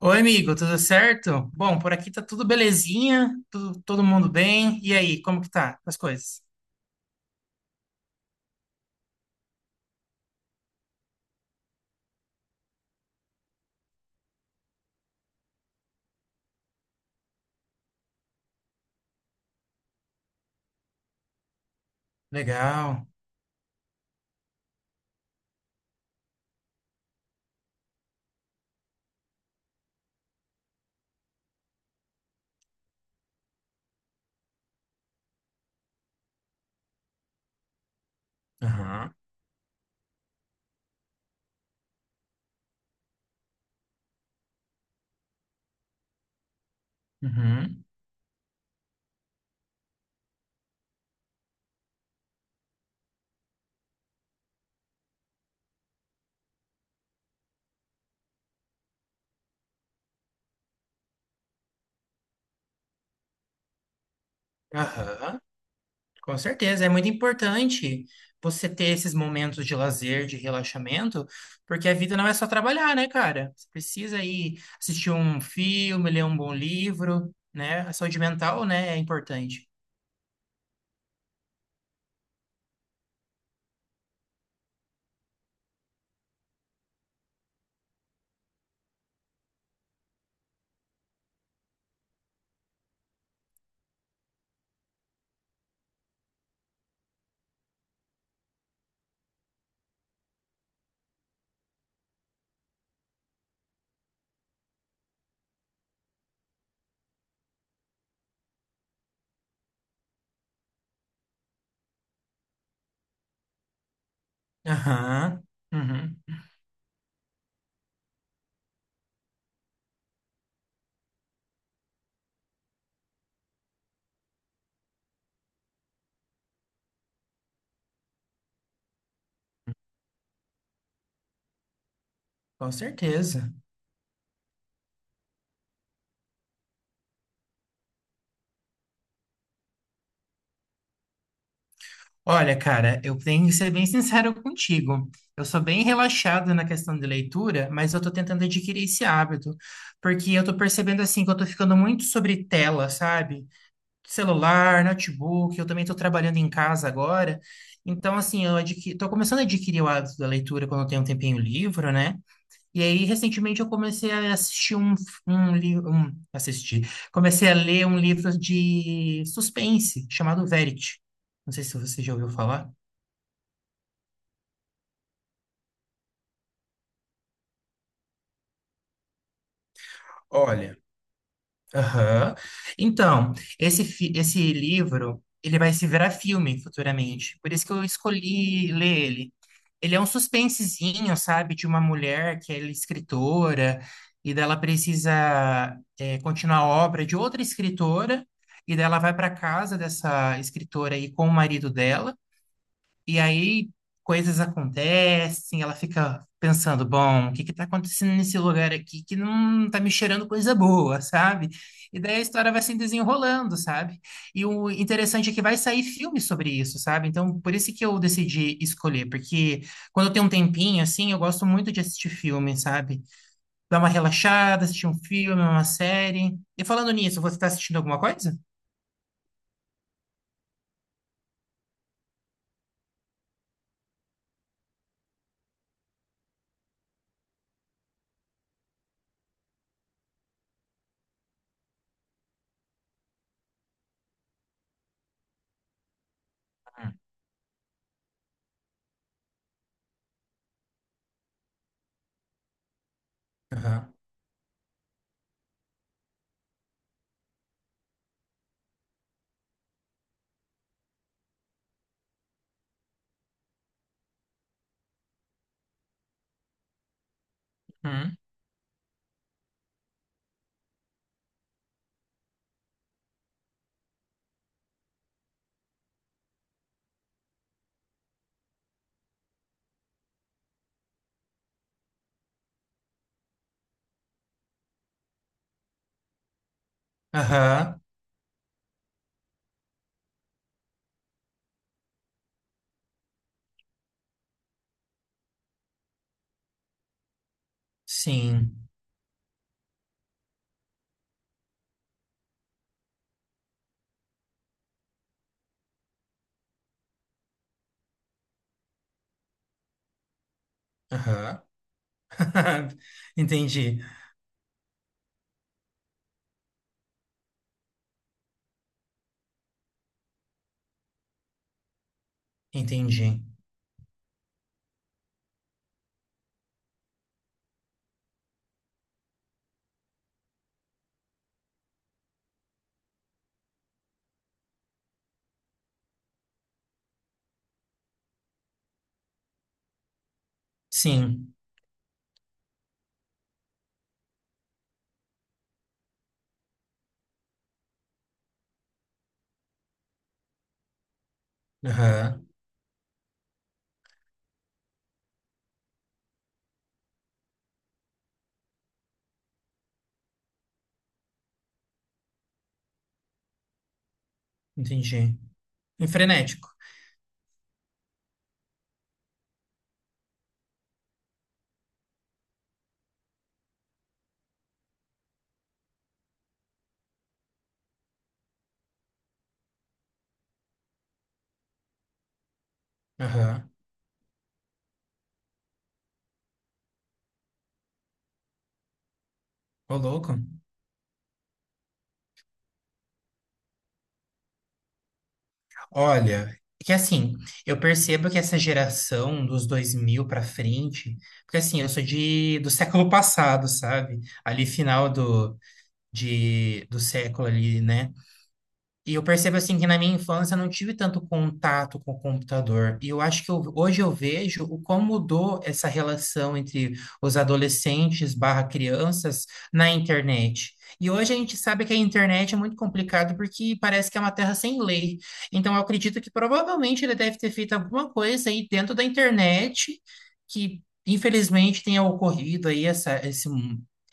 Oi, amigo, tudo certo? Bom, por aqui tá tudo belezinha, todo mundo bem. E aí, como que tá as coisas? Legal. Aham. Uhum. Aham. Com certeza, é muito importante você ter esses momentos de lazer, de relaxamento, porque a vida não é só trabalhar, né, cara? Você precisa ir assistir um filme, ler um bom livro, né? A saúde mental, né, é importante. Aham. Uhum. Com certeza. Olha, cara, eu tenho que ser bem sincero contigo. Eu sou bem relaxado na questão de leitura, mas eu tô tentando adquirir esse hábito, porque eu tô percebendo assim que eu tô ficando muito sobre tela, sabe? Celular, notebook, eu também tô trabalhando em casa agora. Então, assim, tô começando a adquirir o hábito da leitura quando eu tenho um tempinho livre, né? E aí, recentemente, eu comecei a assistir um livro. Um... Assistir. Comecei a ler um livro de suspense chamado Verity. Não sei se você já ouviu falar. Olha, aham. Então, esse livro, ele vai se virar filme futuramente. Por isso que eu escolhi ler ele. Ele é um suspensezinho, sabe, de uma mulher que é escritora e dela precisa, é, continuar a obra de outra escritora e dela vai para casa dessa escritora aí com o marido dela. E aí coisas acontecem, ela fica pensando, bom, o que que tá acontecendo nesse lugar aqui que não tá me cheirando coisa boa, sabe? E daí a história vai se desenrolando, sabe? E o interessante é que vai sair filme sobre isso, sabe? Então, por isso que eu decidi escolher, porque quando eu tenho um tempinho assim, eu gosto muito de assistir filme, sabe? Dar uma relaxada, assistir um filme, uma série. E falando nisso, você tá assistindo alguma coisa? Aham. Uhum. Aham. Sim. Aham. Entendi, entendi. Sim, aham, entendi. E frenético, aham. Ô louco. Olha, que assim, eu percebo que essa geração dos 2000 pra frente, porque assim, eu sou do século passado, sabe? Ali final do, do século ali, né? E eu percebo assim que na minha infância eu não tive tanto contato com o computador. E eu acho que hoje eu vejo o como mudou essa relação entre os adolescentes barra crianças na internet. E hoje a gente sabe que a internet é muito complicado porque parece que é uma terra sem lei. Então eu acredito que provavelmente ele deve ter feito alguma coisa aí dentro da internet que infelizmente tenha ocorrido aí essa, esse,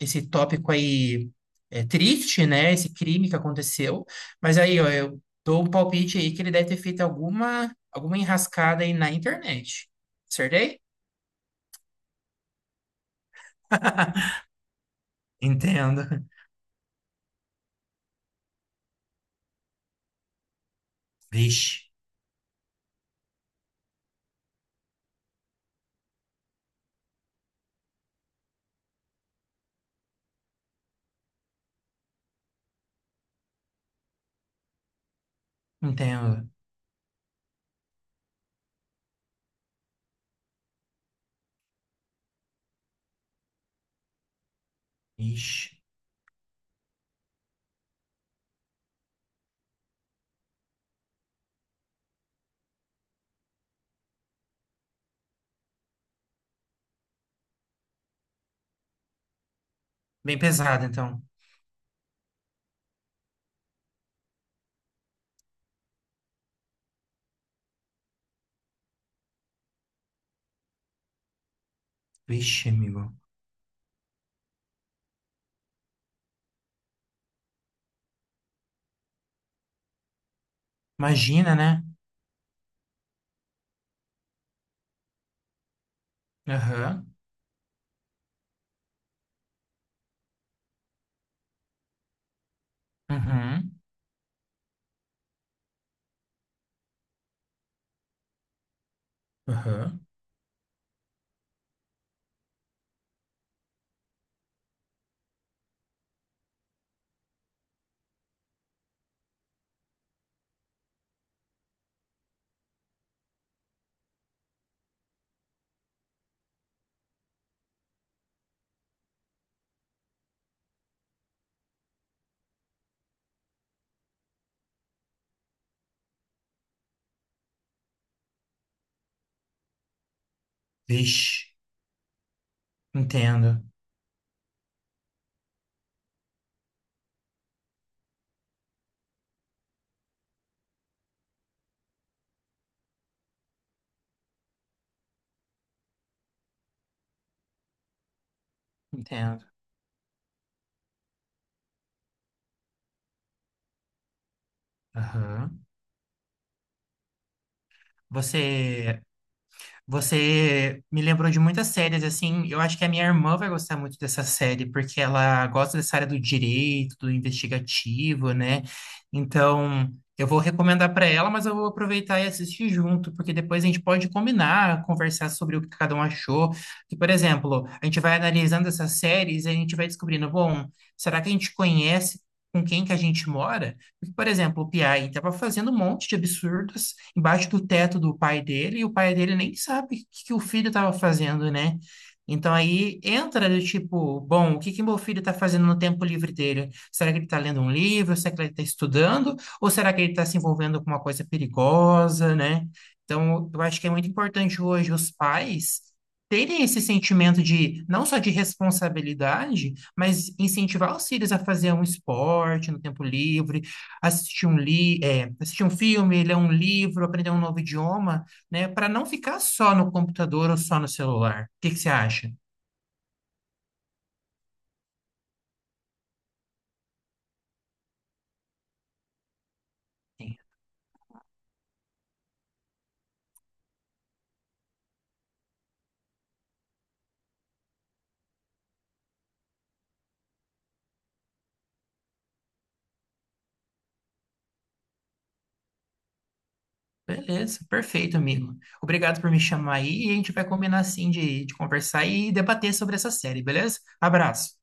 esse tópico aí, é, triste, né? Esse crime que aconteceu. Mas aí, ó, eu dou um palpite aí que ele deve ter feito alguma enrascada aí na internet. Acertei? Entendo. Vixe, entendo. Vixe. Bem pesado, então. Vixe, amigo. Imagina, né? Aham, uhum, aham. Vixe, entendo, entendo. Aham. Você Você me lembrou de muitas séries, assim, eu acho que a minha irmã vai gostar muito dessa série, porque ela gosta dessa área do direito, do investigativo, né? Então, eu vou recomendar para ela, mas eu vou aproveitar e assistir junto, porque depois a gente pode combinar, conversar sobre o que cada um achou. Que, por exemplo, a gente vai analisando essas séries e a gente vai descobrindo, bom, será que a gente conhece com quem que a gente mora? Porque, por exemplo, o Piai estava fazendo um monte de absurdos embaixo do teto do pai dele, e o pai dele nem sabe o que, que o filho estava fazendo, né? Então aí entra do tipo, bom, o que que meu filho está fazendo no tempo livre dele? Será que ele está lendo um livro? Será que ele está estudando? Ou será que ele está se envolvendo com uma coisa perigosa, né? Então, eu acho que é muito importante hoje os pais terem esse sentimento de, não só de responsabilidade, mas incentivar os filhos a fazer um esporte no tempo livre, assistir um filme, ler um livro, aprender um novo idioma, né? Para não ficar só no computador ou só no celular. O que que você acha? Sim. Beleza, perfeito, amigo. Obrigado por me chamar aí e a gente vai combinar assim de conversar e debater sobre essa série, beleza? Abraço.